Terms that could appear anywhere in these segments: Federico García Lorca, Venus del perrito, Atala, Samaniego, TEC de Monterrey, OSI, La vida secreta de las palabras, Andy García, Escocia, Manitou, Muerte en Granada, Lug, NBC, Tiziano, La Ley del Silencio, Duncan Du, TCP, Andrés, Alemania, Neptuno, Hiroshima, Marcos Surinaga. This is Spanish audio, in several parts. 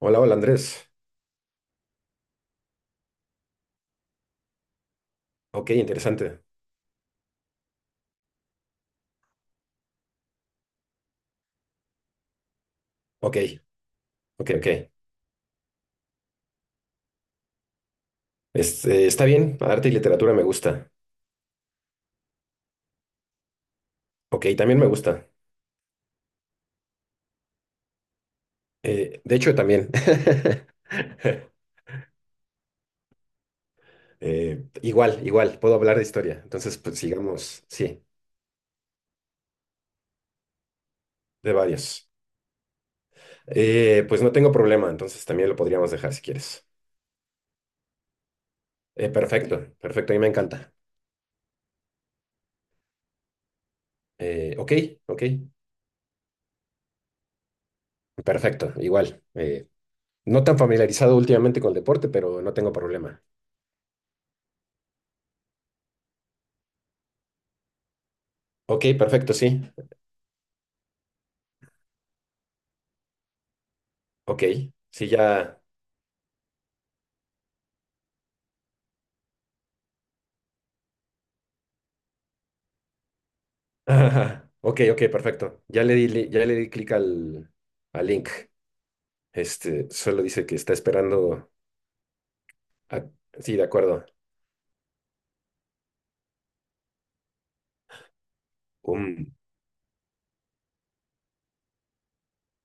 Hola, hola Andrés. Ok, interesante. Ok, ok, ok. Este, está bien, arte y literatura me gusta. Ok, también me gusta. De hecho, también. Igual, igual, puedo hablar de historia. Entonces, pues sigamos, sí, de varios. Pues no tengo problema, entonces también lo podríamos dejar si quieres. Perfecto, perfecto, a mí me encanta. Ok, ok, perfecto, igual. No tan familiarizado últimamente con el deporte, pero no tengo problema. Ok, perfecto, sí. Ok, sí, ya. Ajá. Ok, ok, perfecto. Ya le di, ya le di clic al link. Este, solo dice que está esperando. a- Sí, de acuerdo. Um,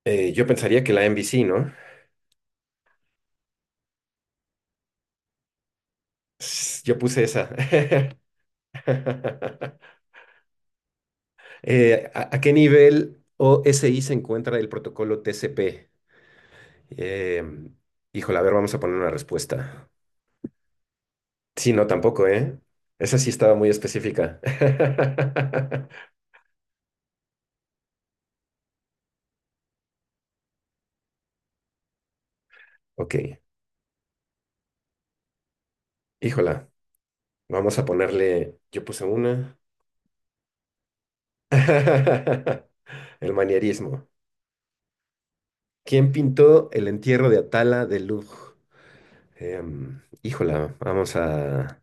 yo pensaría que la NBC, ¿no? Yo puse esa. ¿A qué nivel OSI se encuentra el protocolo TCP? Em, Híjole, a ver, vamos a poner una respuesta. Sí, no, tampoco, ¿eh? Esa sí estaba muy específica. Ok, híjola. Vamos a ponerle, yo puse una. El manierismo. ¿Quién pintó el entierro de Atala de Lug? Híjola, vamos a...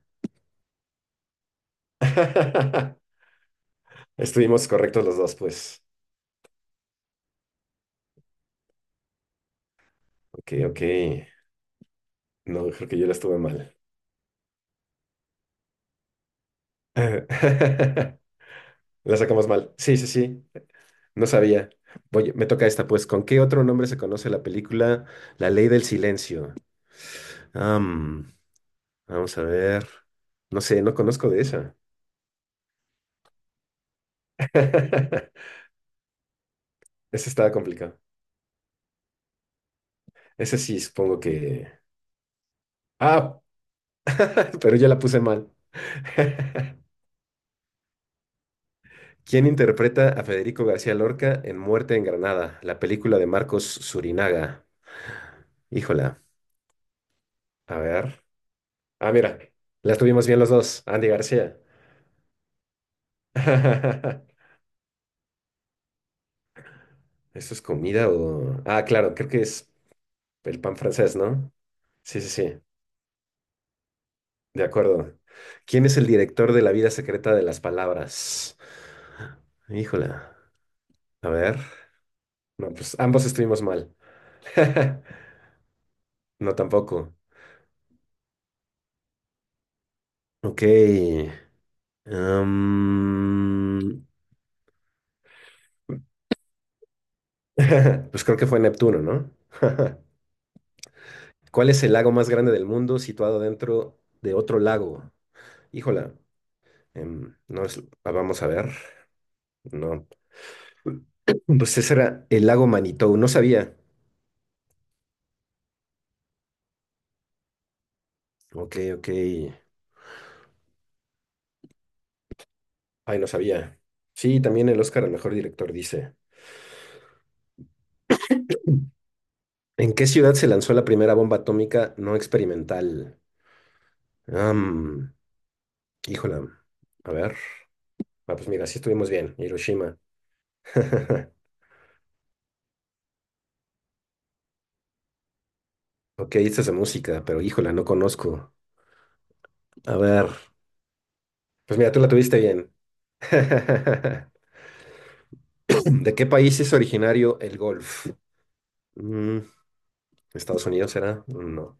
Estuvimos correctos los dos, pues. Ok, ok. No, creo que yo la estuve mal. La sacamos mal. Sí, sí, sí. No sabía. Oye, me toca esta, pues. ¿Con qué otro nombre se conoce la película La Ley del Silencio? Am, Vamos a ver. No sé, no conozco de esa. Ese estaba complicado. Ese sí, supongo que... Ah, pero ya la puse mal. ¿Quién interpreta a Federico García Lorca en Muerte en Granada, la película de Marcos Surinaga? Híjola, a ver. Ah, mira, la tuvimos bien los dos, Andy García. ¿Eso es comida o...? Ah, claro, creo que es el pan francés, ¿no? Sí, sí, sí, de acuerdo. ¿Quién es el director de La vida secreta de las palabras? Híjola, a ver. No, pues ambos estuvimos mal. No, tampoco. Ok. am, pues creo que fue Neptuno, ¿no? ¿Cuál es el lago más grande del mundo situado dentro de otro lago? Híjola. No es- Ah, vamos a ver. No. Pues ese era el lago Manitou. No sabía. Ok, ok. Ay, no sabía. Sí, también el Oscar al mejor director dice. ¿En qué ciudad se lanzó la primera bomba atómica no experimental? Híjole, a ver. Ah, pues mira, sí estuvimos bien. Hiroshima. Ok, esta es de música, pero híjole, no conozco. A ver. Pues mira, tú la tuviste bien. ¿De qué país es originario el golf? Mm, ¿Estados Unidos será? No.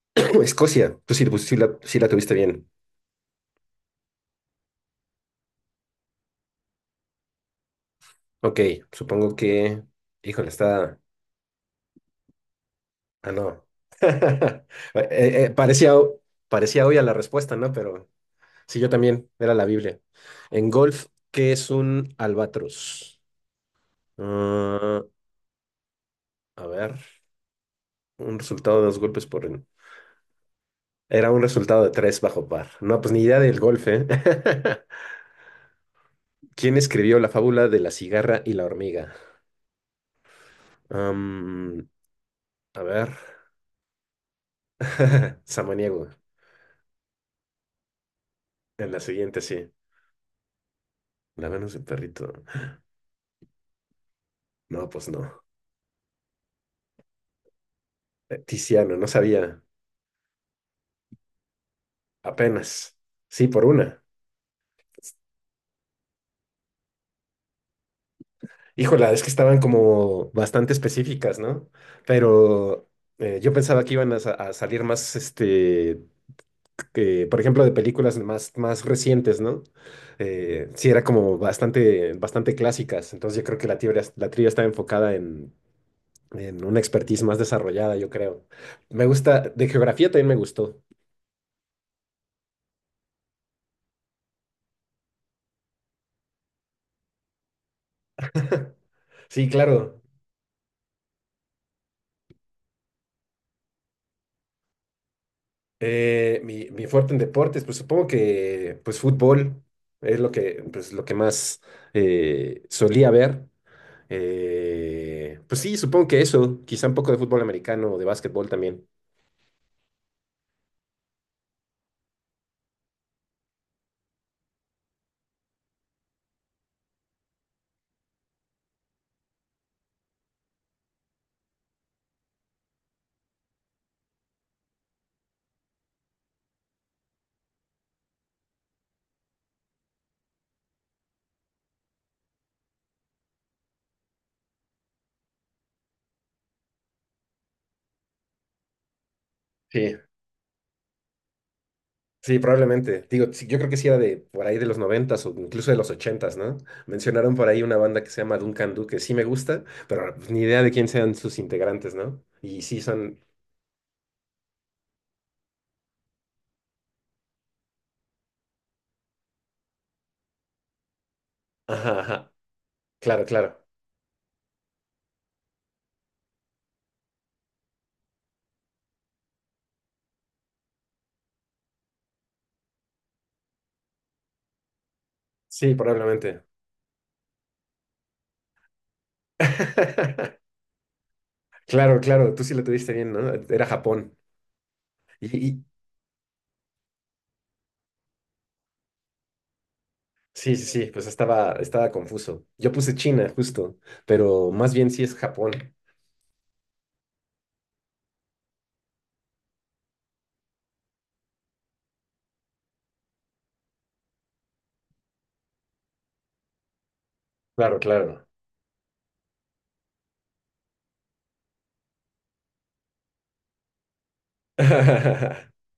Escocia. Tú sí, pues, sí la tuviste bien. Ok, supongo que. Híjole, está. Ah, no. Parecía, parecía obvia la respuesta, ¿no? Pero sí, yo también, era la Biblia. En golf, ¿qué es un albatros? Ah, a ver, un resultado de dos golpes por... Era un resultado de tres bajo par. No, pues ni idea del golf, ¿eh? ¿Quién escribió la fábula de la cigarra y la hormiga? Am, a ver, Samaniego. En la siguiente, sí. La Venus del perrito. No, pues no. Tiziano, no sabía. Apenas. Sí, por una. Híjola, es que estaban como bastante específicas, ¿no? Pero yo pensaba que iban a salir más, este, que, por ejemplo, de películas más, más recientes, ¿no? Sí, era como bastante, bastante clásicas. Entonces yo creo que la trivia estaba enfocada en una expertise más desarrollada, yo creo. Me gusta, de geografía también me gustó. Sí, claro. Mi fuerte en deportes, pues supongo que pues fútbol es lo que, pues, lo que más solía ver. Pues sí, supongo que eso, quizá un poco de fútbol americano o de básquetbol también. Sí, sí, probablemente. Digo, sí, yo creo que sí era de por ahí de los noventas o incluso de los ochentas, ¿no? Mencionaron por ahí una banda que se llama Duncan Du, que sí me gusta, pero pues, ni idea de quién sean sus integrantes, ¿no? Y sí son... Ajá, ajá. Claro, claro. Sí, probablemente. Claro, claro, tú sí lo tuviste bien, ¿no? Era Japón. Y, y- sí, sí, sí, pues estaba, estaba confuso. Yo puse China, justo, pero más bien sí es Japón. Claro, claro.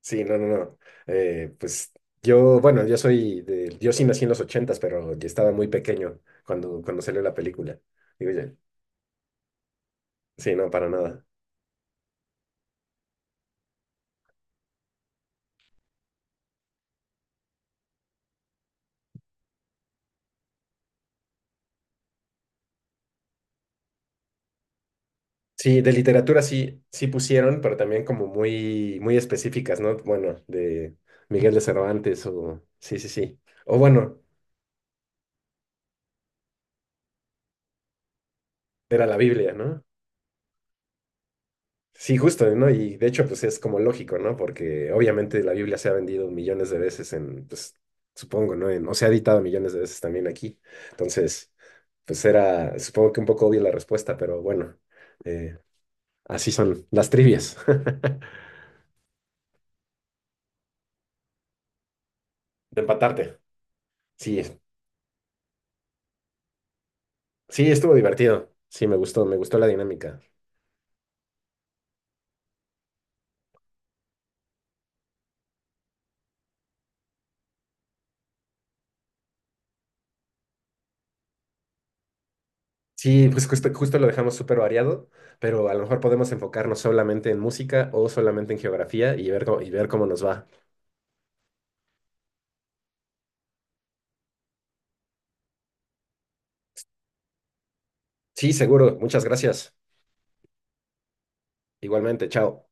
Sí, no, no, no. Pues yo, bueno, yo soy de, yo sí nací en los ochentas, pero yo estaba muy pequeño cuando, salió la película. Digo, ya, sí, no, para nada. Sí, de literatura sí, sí pusieron, pero también como muy, muy específicas, ¿no? Bueno, de Miguel de Cervantes o, sí, sí, sí. O bueno, era la Biblia, ¿no? Sí, justo, ¿no? Y de hecho, pues es como lógico, ¿no? Porque obviamente la Biblia se ha vendido millones de veces en, pues, supongo, ¿no? O se ha editado millones de veces también aquí. Entonces, pues era, supongo que un poco obvia la respuesta, pero bueno, eh, así son las trivias. De empatarte. Sí, sí, estuvo divertido. Sí, me gustó la dinámica. Sí, pues justo, justo lo dejamos súper variado, pero a lo mejor podemos enfocarnos solamente en música o solamente en geografía y ver cómo nos va. Sí, seguro. Muchas gracias. Igualmente, chao.